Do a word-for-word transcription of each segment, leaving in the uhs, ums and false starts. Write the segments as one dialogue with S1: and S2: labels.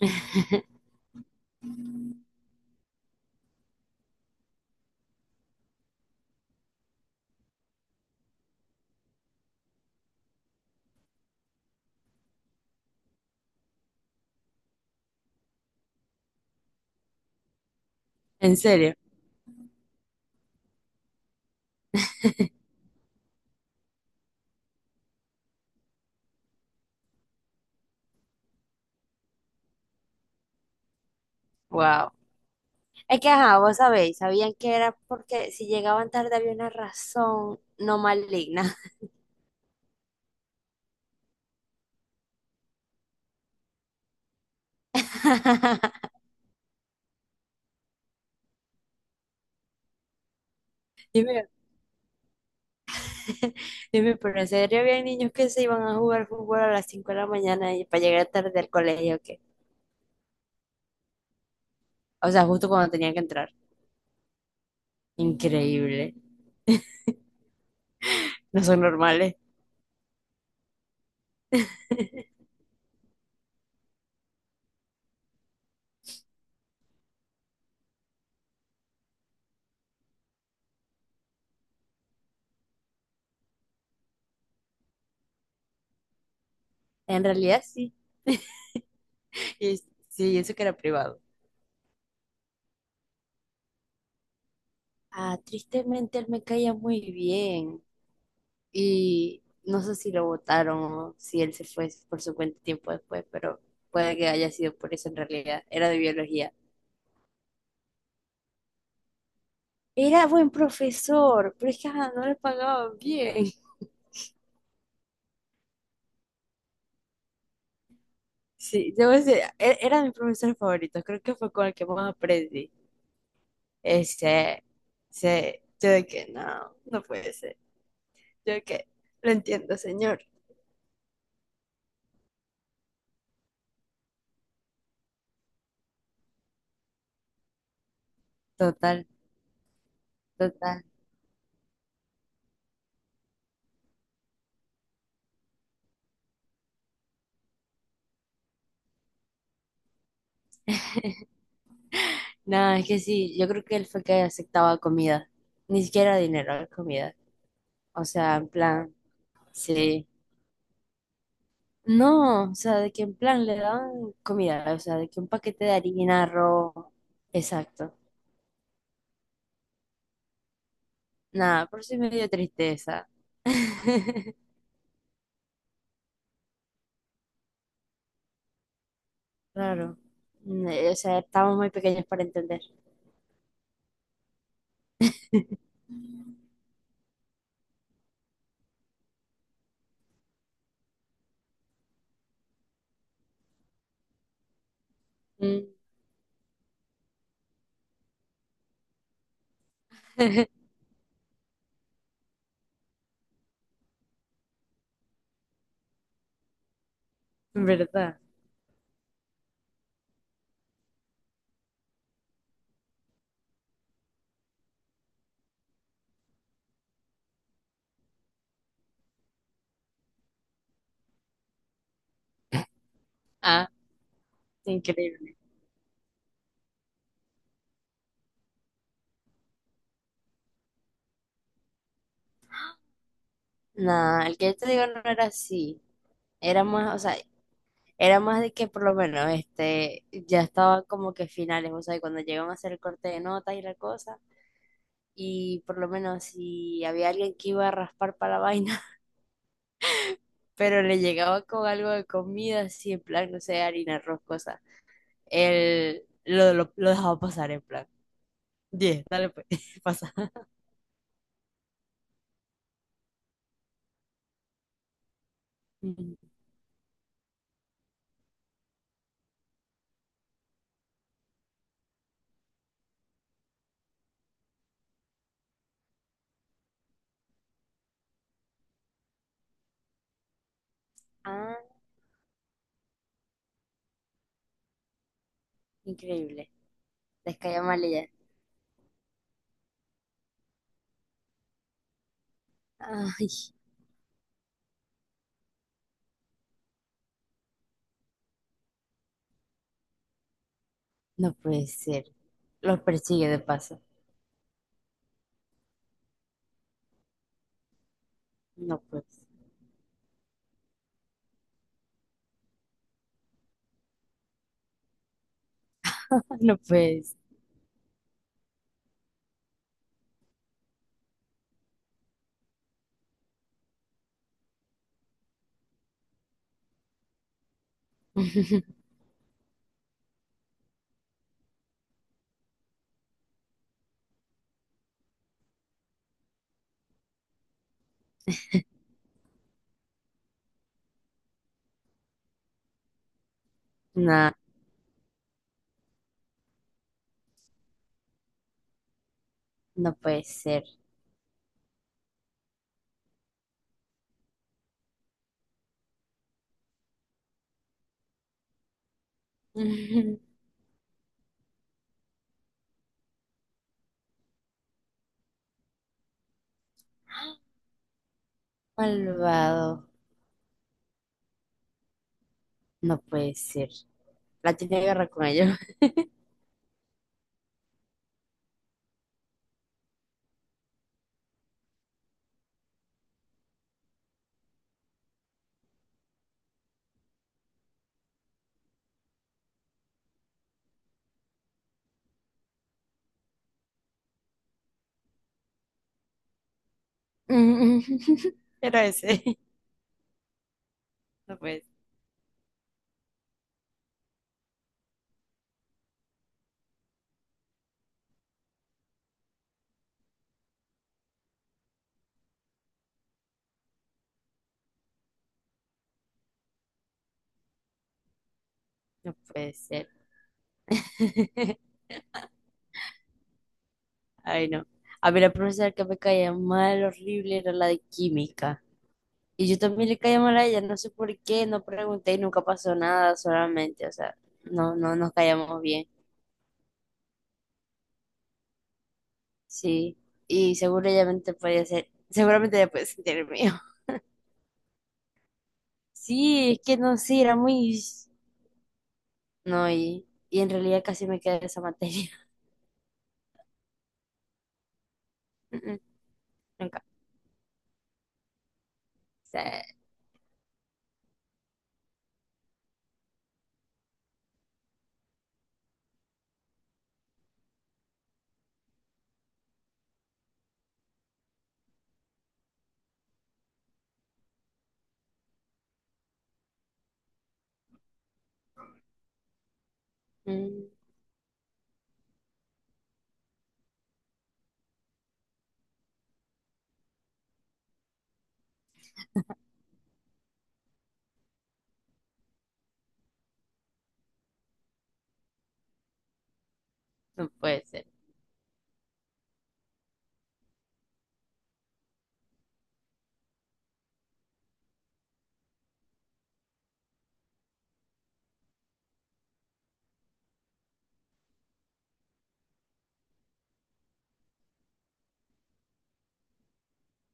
S1: En serio. Wow. Es que, ajá, vos sabéis, sabían que era porque si llegaban tarde había una razón no maligna. Dime, dime, pero en serio había niños que se iban a jugar fútbol a las cinco de la mañana y para llegar tarde al colegio, ¿qué? O sea, justo cuando tenían que entrar. Increíble. No son normales. En realidad sí. Y, sí, y eso que era privado. Ah, tristemente él me caía muy bien. Y no sé si lo votaron o si él se fue por su cuenta tiempo después, pero puede que haya sido por eso en realidad. Era de biología. Era buen profesor, pero es que ajá, no le pagaban bien. Sí, debo decir, e- era mi profesor favorito, creo que fue con el que más aprendí. Ese, ese, yo de que no, no puede ser. Yo de que lo entiendo, señor. Total, total. No, es que sí, yo creo que él fue que aceptaba comida, ni siquiera dinero, comida. O sea, en plan, sí. No, o sea, de que en plan le dan comida, o sea, de que un paquete de harina, arroz. Exacto. Nada, por eso me dio tristeza. Claro. Mm, eh, O sea, estábamos muy pequeños para entender. Mm. ¿Verdad? Ah, increíble. Nah, el que yo te digo no era así. Era más, o sea, era más de que por lo menos este ya estaba como que finales, o sea, y cuando llegan a hacer el corte de notas y la cosa. Y por lo menos si había alguien que iba a raspar para la vaina, pero le llegaba con algo de comida, así en plan, no sé, harina, arroz, cosas, él lo, lo, lo dejaba pasar en plan. Diez, dale pues, pasa. Ujú. Ah, increíble. Descaya mal ella. Ay, no puede ser. Los persigue de paso. No puede ser. No puede ser. Nah, no puede ser. Malvado. No puede ser. La tiene guerra con ellos. Mm, era ese. No puede, no puede ser. Ay, no. A mí la profesora que me caía mal, horrible, era la de química. Y yo también le caía mal a ella, no sé por qué, no pregunté y nunca pasó nada, solamente, o sea, no, no nos caíamos bien. Sí, y seguramente podía ser, seguramente ella puede sentir el mío. Sí, es que no, sí, era muy... No, y, y en realidad casi me quedé esa materia. Mm, mm, nunca. O sea, mm, no puede ser.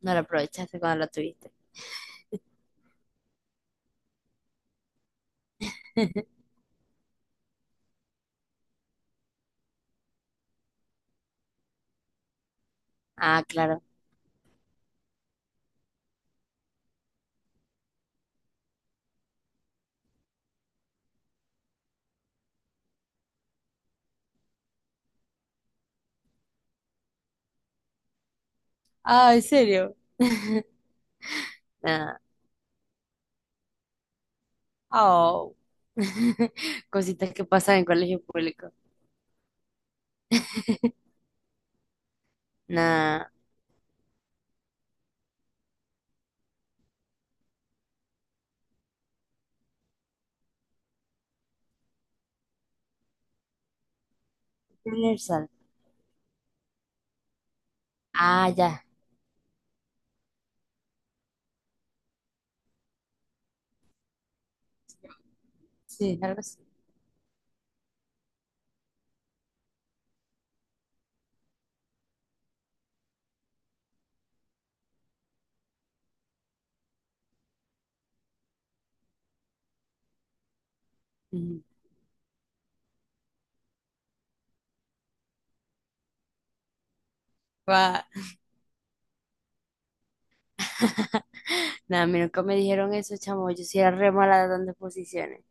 S1: No lo aprovechaste cuando lo tuviste. Ah, claro. Ah, ¿en serio? Nah. Oh, cositas que pasan en colegio público. Nada. Universal. Ah, ya. Sí, algo así. Ujú. Va. Nada, a mí nunca me dijeron eso, chamo. Yo sí era re mala dando exposiciones.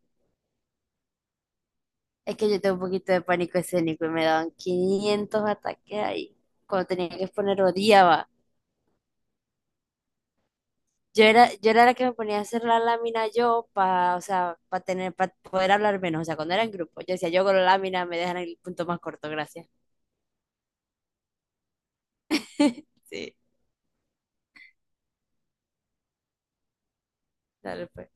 S1: Es que yo tengo un poquito de pánico escénico y me daban quinientos ataques ahí. Cuando tenía que exponer, odiaba. Yo era, yo era la que me ponía a hacer la lámina yo para, o sea, para tener, para poder hablar menos. O sea, cuando era en grupo, yo decía, yo con la lámina me dejan el punto más corto, gracias. Sí, dale pues.